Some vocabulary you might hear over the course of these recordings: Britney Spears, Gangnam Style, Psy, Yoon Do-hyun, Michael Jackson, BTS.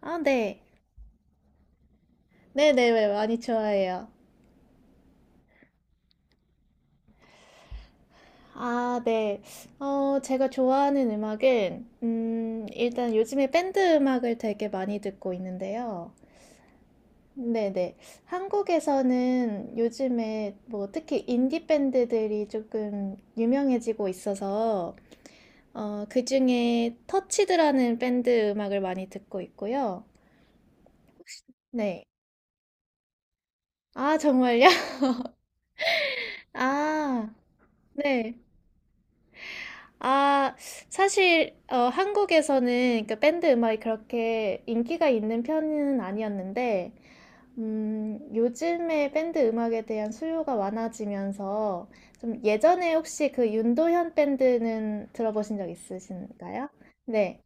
아, 네. 네네, 네, 많이 좋아해요. 아, 네. 어, 제가 좋아하는 음악은, 일단 요즘에 밴드 음악을 되게 많이 듣고 있는데요. 네네. 한국에서는 요즘에 뭐 특히 인디 밴드들이 조금 유명해지고 있어서, 그중에 터치드라는 밴드 음악을 많이 듣고 있고요. 네. 아, 정말요? 아, 네. 아, 사실 한국에서는 그 밴드 음악이 그렇게 인기가 있는 편은 아니었는데, 요즘에 밴드 음악에 대한 수요가 많아지면서 좀 예전에 혹시 그 윤도현 밴드는 들어보신 적 있으신가요? 네.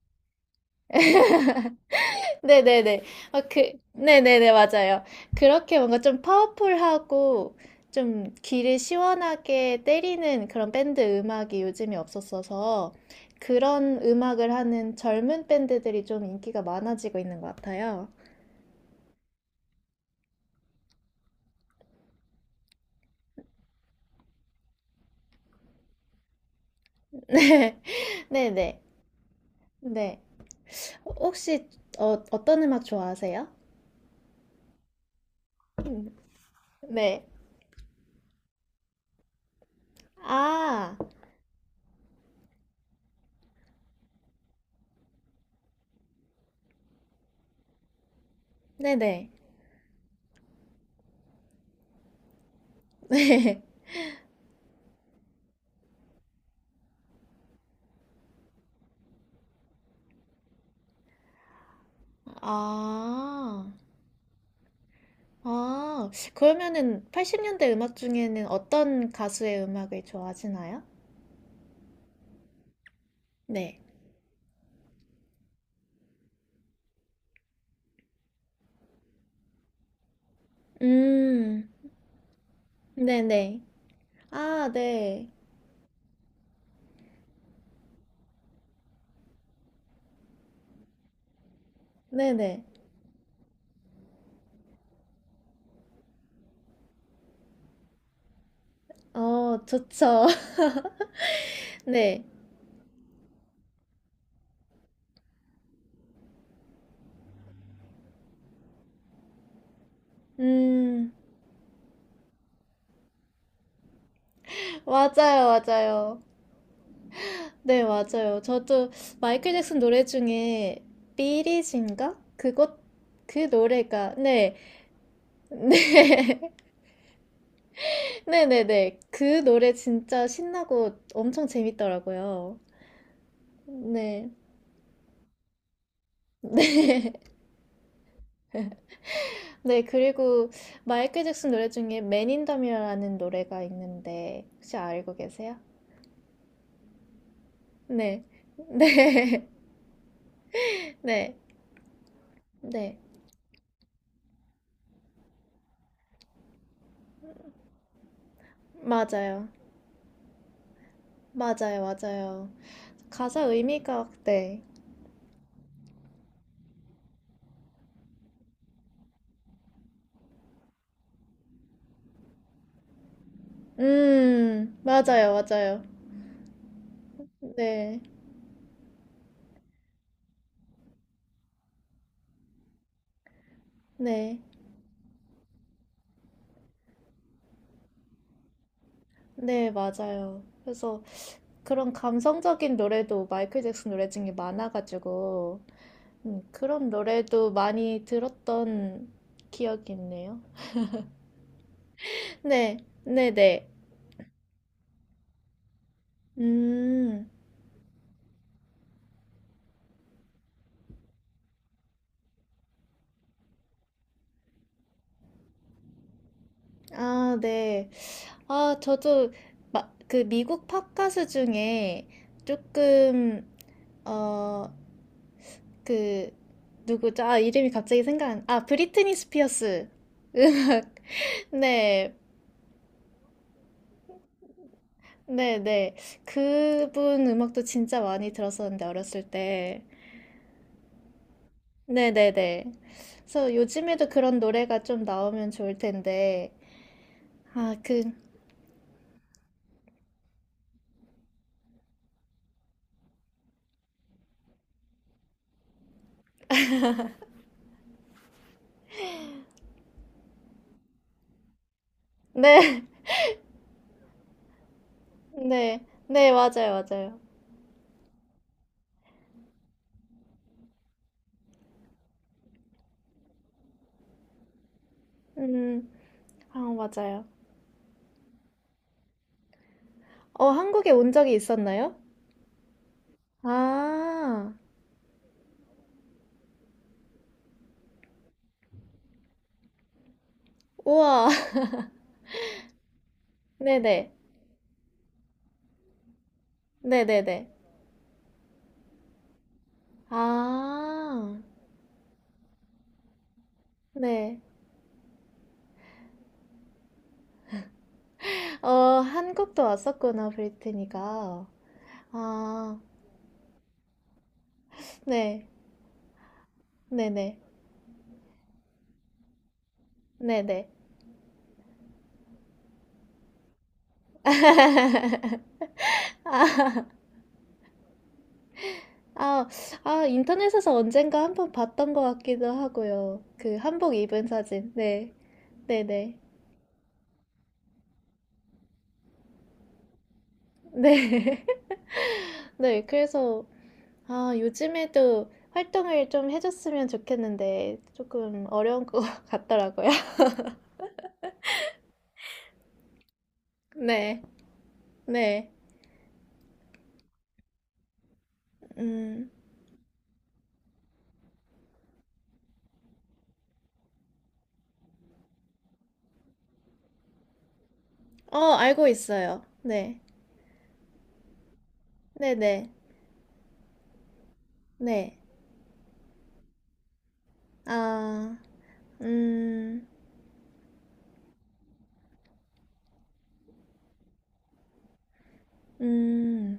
네네네. 아, 그, 네네네, 맞아요. 그렇게 뭔가 좀 파워풀하고 좀 귀를 시원하게 때리는 그런 밴드 음악이 요즘에 없었어서 그런 음악을 하는 젊은 밴드들이 좀 인기가 많아지고 있는 것 같아요. 네. 네네. 네. 혹시 어떤 음악 좋아하세요? 음, 네. 아, 네네. 네. 아. 아, 그러면은 80년대 음악 중에는 어떤 가수의 음악을 좋아하시나요? 네. 음, 네네. 아, 네. 네네. 어, 좋죠. 네. 음, 맞아요, 맞아요. 네, 맞아요. 저도 마이클 잭슨 노래 중에 삐리진가? 그것, 그 노래가, 네. 네. 네네네. 그 노래 진짜 신나고 엄청 재밌더라고요. 네. 네. 네, 그리고 마이클 잭슨 노래 중에 Man in the Mirror라는 노래가 있는데 혹시 알고 계세요? 네. 네. 네. 네. 맞아요. 맞아요. 맞아요. 가사 의미가 네. 음. 맞아요. 맞아요. 네. 네. 네, 맞아요. 그래서 그런 감성적인 노래도 마이클 잭슨 노래 중에 많아가지고 그런 노래도 많이 들었던 기억이 있네요. 네, 네, 네. 음, 아, 네. 아, 저도 막 그 미국 팝가수 중에 조금 어, 그 누구죠? 아, 이름이 갑자기 생각 안, 아, 브리트니 스피어스 음악. 네. 네, 네. 그분 음악도 진짜 많이 들었었는데 어렸을 때. 네, 네, 네. 그래서 요즘에도 그런 노래가 좀 나오면 좋을 텐데. 아, 그 네. 네. 네, 맞아요. 맞아요. 음. 아, 맞아요. 어, 한국에 온 적이 있었나요? 아, 우와. 네네. 네네네. 아, 네. 어, 한국도 왔었구나, 브리트니가. 아, 네. 네네. 네네. 아, 아, 아, 인터넷에서 언젠가 한번 봤던 것 같기도 하고요. 그 한복 입은 사진. 네. 네네. 네. 네, 그래서, 아, 요즘에도 활동을 좀 해줬으면 좋겠는데 조금 어려운 것 같더라고요. 네, 네, 음, 어, 알고 있어요. 네, 네, 네, 네. 아, 음, 음,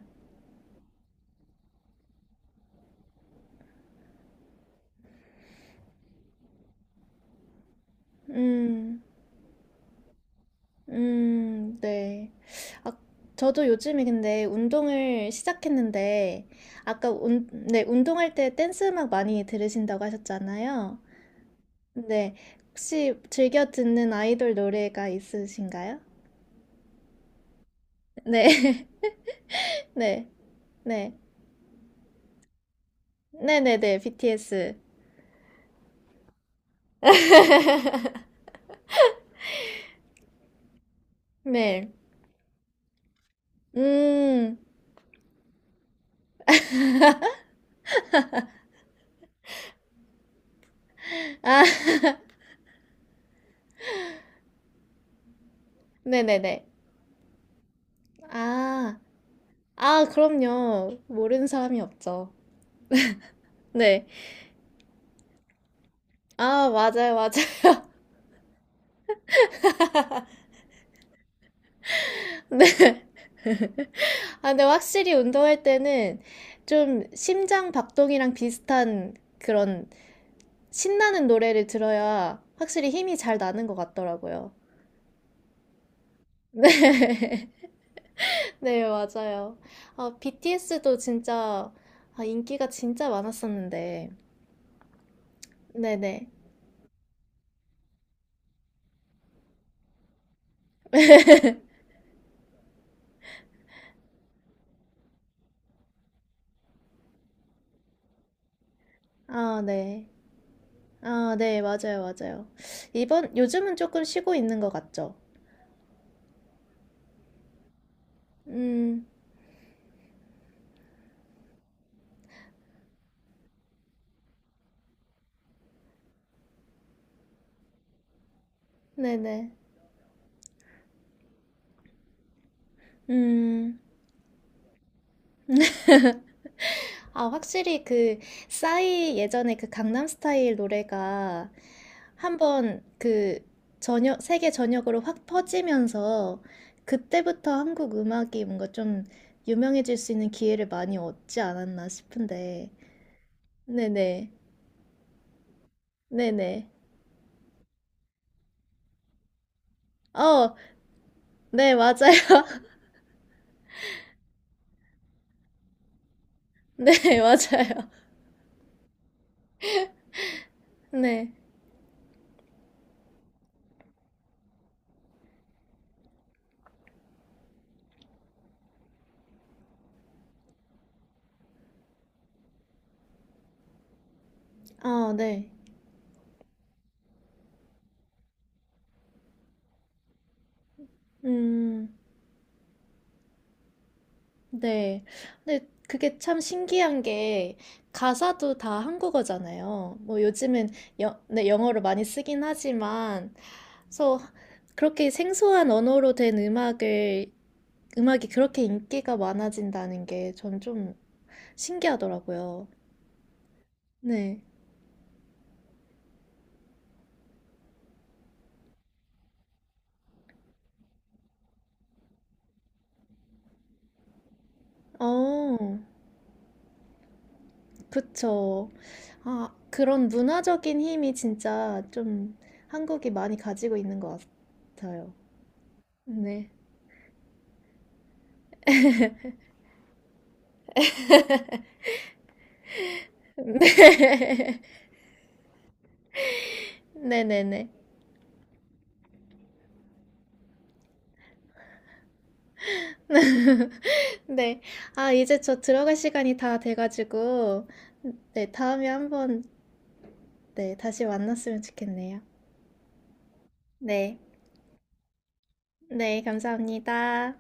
음, 네. 아, 저도 요즘에 근데 운동을 시작했는데 아까 운, 네, 운동할 때 댄스 음악 많이 들으신다고 하셨잖아요. 네. 혹시 즐겨 듣는 아이돌 노래가 있으신가요? 네. 네. 네. 네네네. BTS. 네. 음. 아, 네네네. 아. 아, 그럼요. 모르는 사람이 없죠. 네. 아, 맞아요. 맞아요. 네. 아, 근데 확실히 운동할 때는 좀 심장 박동이랑 비슷한 그런 신나는 노래를 들어야 확실히 힘이 잘 나는 것 같더라고요. 네, 맞아요. 아, BTS도 진짜 아, 인기가 진짜 많았었는데. 네네. 아, 네. 아, 네, 맞아요, 맞아요. 이번, 요즘은 조금 쉬고 있는 것 같죠? 음, 네네. 음. 아, 확실히 그 싸이 예전에 그 강남스타일 노래가 한번 그 전역 세계 전역으로 확 퍼지면서 그때부터 한국 음악이 뭔가 좀 유명해질 수 있는 기회를 많이 얻지 않았나 싶은데. 네네. 네네. 어, 네, 맞아요. 네, 맞아요. 네. 아, 네. 음. 네. 근데 그게 참 신기한 게 가사도 다 한국어잖아요. 뭐 요즘은 여, 네, 영어로 많이 쓰긴 하지만 그래서 그렇게 생소한 언어로 된 음악을 음악이 그렇게 인기가 많아진다는 게 전 좀 신기하더라고요. 네. 어, 그쵸. 아, 그런 문화적인 힘이 진짜 좀 한국이 많이 가지고 있는 것 같아요. 네. 네. 네네네. 네. 아, 이제 저 들어갈 시간이 다 돼가지고, 네, 다음에 한번, 네, 다시 만났으면 좋겠네요. 네. 네, 감사합니다.